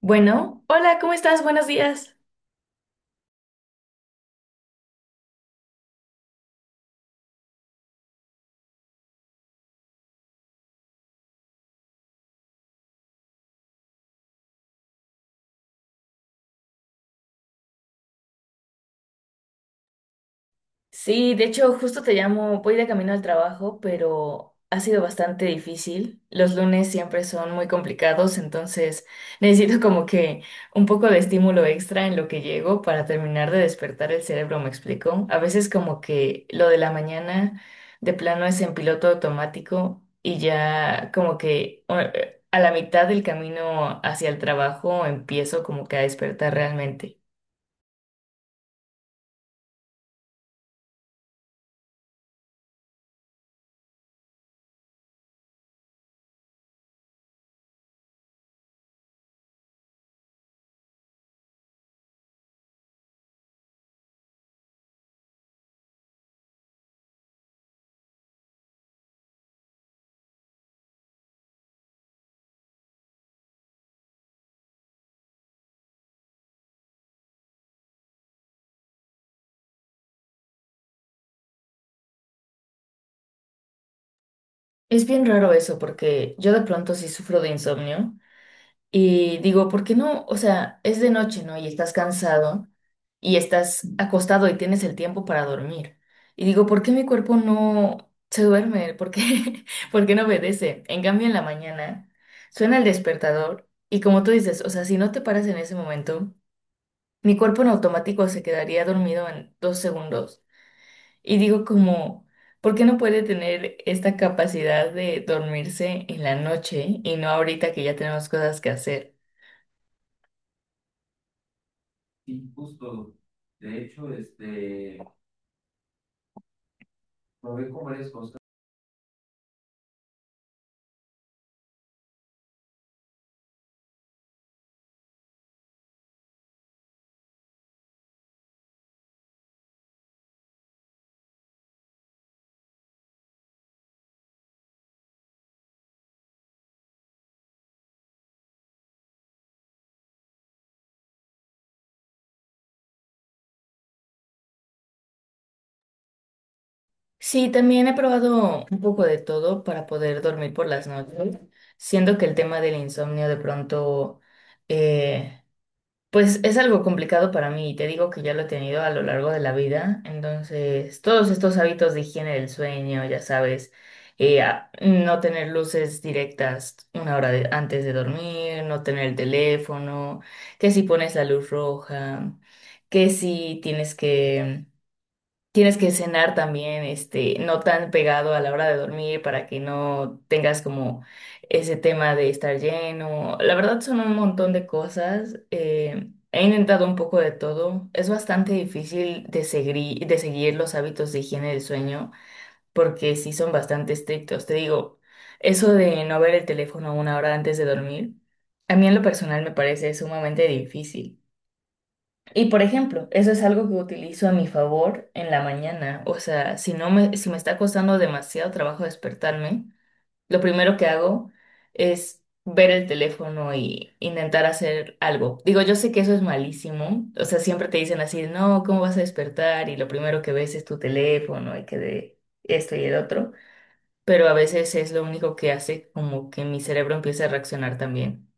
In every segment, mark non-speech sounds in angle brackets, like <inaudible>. Bueno, hola, ¿cómo estás? Buenos días. Sí, de hecho, justo te llamo, voy de camino al trabajo, pero ha sido bastante difícil. Los lunes siempre son muy complicados, entonces <laughs> necesito como que un poco de estímulo extra en lo que llego para terminar de despertar el cerebro, ¿me explico? A veces como que lo de la mañana de plano es en piloto automático y ya como que a la mitad del camino hacia el trabajo empiezo como que a despertar realmente. Es bien raro eso, porque yo de pronto sí sufro de insomnio y digo, ¿por qué no? O sea, es de noche, ¿no? Y estás cansado y estás acostado y tienes el tiempo para dormir. Y digo, ¿por qué mi cuerpo no se duerme? ¿Por qué, <laughs> por qué no obedece? En cambio, en la mañana suena el despertador y como tú dices, o sea, si no te paras en ese momento, mi cuerpo en automático se quedaría dormido en 2 segundos. Y digo como, ¿por qué no puede tener esta capacidad de dormirse en la noche y no ahorita que ya tenemos cosas que hacer? Sí, también he probado un poco de todo para poder dormir por las noches, siendo que el tema del insomnio de pronto eh, Pues es algo complicado para mí y te digo que ya lo he tenido a lo largo de la vida. Entonces, todos estos hábitos de higiene del sueño, ya sabes, no tener luces directas una hora antes de dormir, no tener el teléfono, que si pones la luz roja, que si tienes que Tienes que cenar también, este, no tan pegado a la hora de dormir para que no tengas como ese tema de estar lleno. La verdad son un montón de cosas. He intentado un poco de todo. Es bastante difícil de seguir los hábitos de higiene del sueño porque sí son bastante estrictos. Te digo, eso de no ver el teléfono una hora antes de dormir, a mí en lo personal me parece sumamente difícil. Y por ejemplo, eso es algo que utilizo a mi favor en la mañana. O sea, si me está costando demasiado trabajo despertarme, lo primero que hago es ver el teléfono y intentar hacer algo. Digo, yo sé que eso es malísimo. O sea, siempre te dicen así, no, ¿cómo vas a despertar? Y lo primero que ves es tu teléfono y que de esto y el otro. Pero a veces es lo único que hace como que mi cerebro empiece a reaccionar también.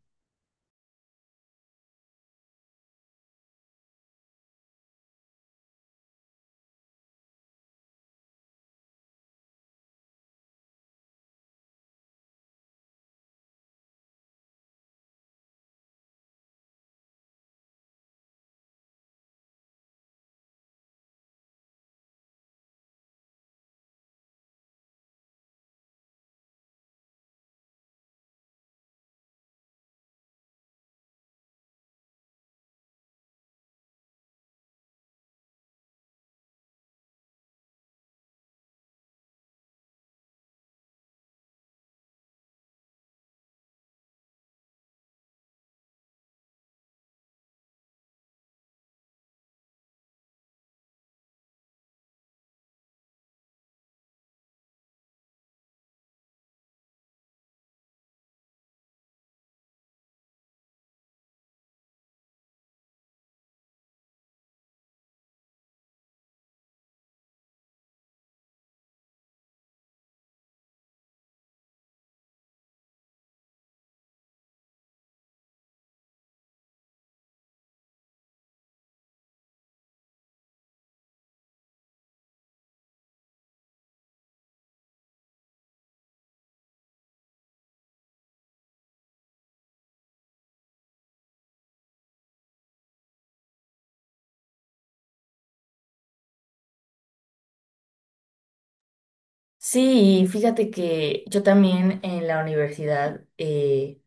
Sí, y fíjate que yo también en la universidad eh,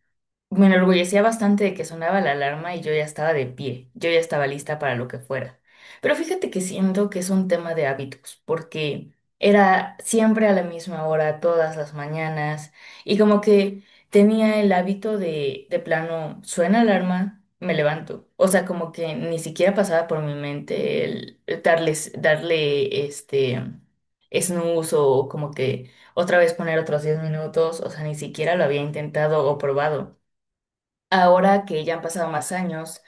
Me enorgullecía bastante de que sonaba la alarma y yo ya estaba de pie, yo ya estaba lista para lo que fuera. Pero fíjate que siento que es un tema de hábitos, porque era siempre a la misma hora, todas las mañanas, y como que tenía el hábito de plano, suena alarma, me levanto. O sea, como que ni siquiera pasaba por mi mente el darle este snooze o como que otra vez poner otros 10 minutos, o sea, ni siquiera lo había intentado o probado ahora que ya han pasado más años,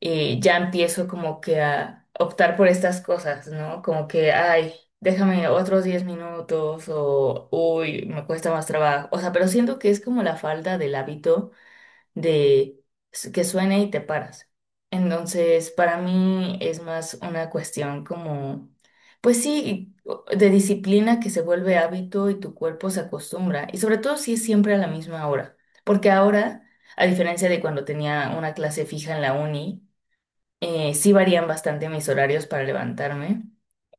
ya empiezo como que a optar por estas cosas, ¿no? Como que, ay, déjame otros 10 minutos o, uy, me cuesta más trabajo. O sea, pero siento que es como la falta del hábito de que suene y te paras. Entonces, para mí es más una cuestión como, pues sí, de disciplina que se vuelve hábito y tu cuerpo se acostumbra. Y sobre todo si es siempre a la misma hora. Porque ahora, a diferencia de cuando tenía una clase fija en la uni, sí varían bastante mis horarios para levantarme.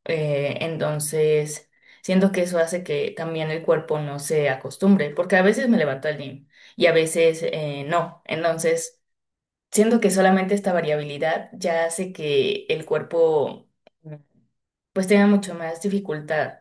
Entonces, siento que eso hace que también el cuerpo no se acostumbre, porque a veces me levanto al gym y a veces no. Entonces, siento que solamente esta variabilidad ya hace que el cuerpo mm, pues tenga mucho más dificultad.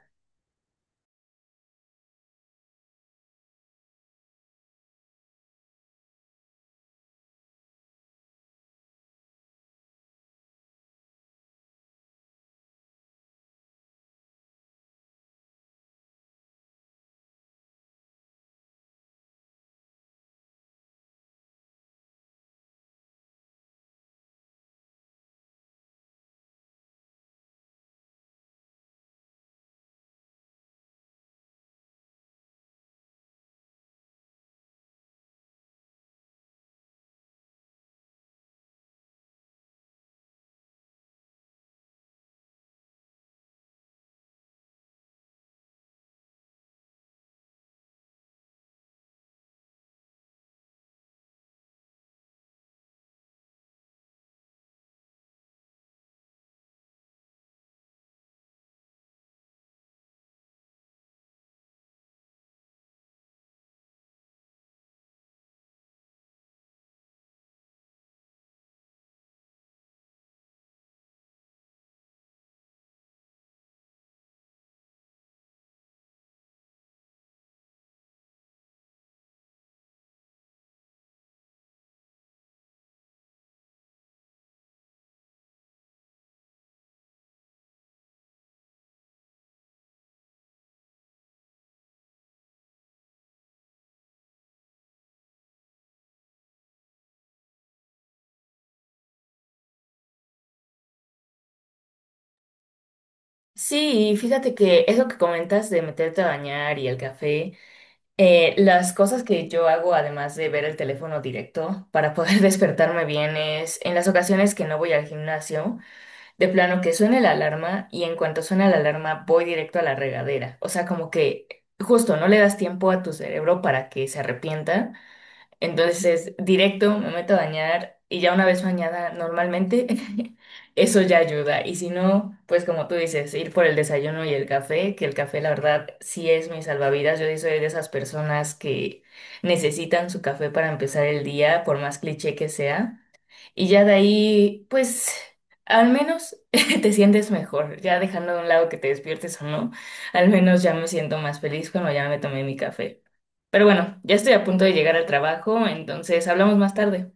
Sí, y fíjate que eso que comentas de meterte a bañar y el café. Las cosas que yo hago, además de ver el teléfono directo para poder <laughs> despertarme bien, es en las ocasiones que no voy al gimnasio, de plano que suene la alarma y en cuanto suena la alarma voy directo a la regadera. O sea, como que justo no le das tiempo a tu cerebro para que se arrepienta entonces, directo me meto a bañar y ya una vez bañada normalmente, <laughs> eso ya ayuda. Y si no, pues como tú dices, ir por el desayuno y el café, que el café la verdad sí es mi salvavidas. Yo sí soy de esas personas que necesitan su café para empezar el día, por más cliché que sea. Y ya de ahí, pues, al menos <laughs> te sientes mejor, ya dejando de un lado que te despiertes o no, al menos ya me siento más feliz cuando ya me tomé mi café. Pero bueno, ya estoy a punto de llegar al trabajo, entonces hablamos más tarde.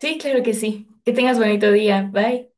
Sí, claro que sí. Que tengas bonito día. Bye.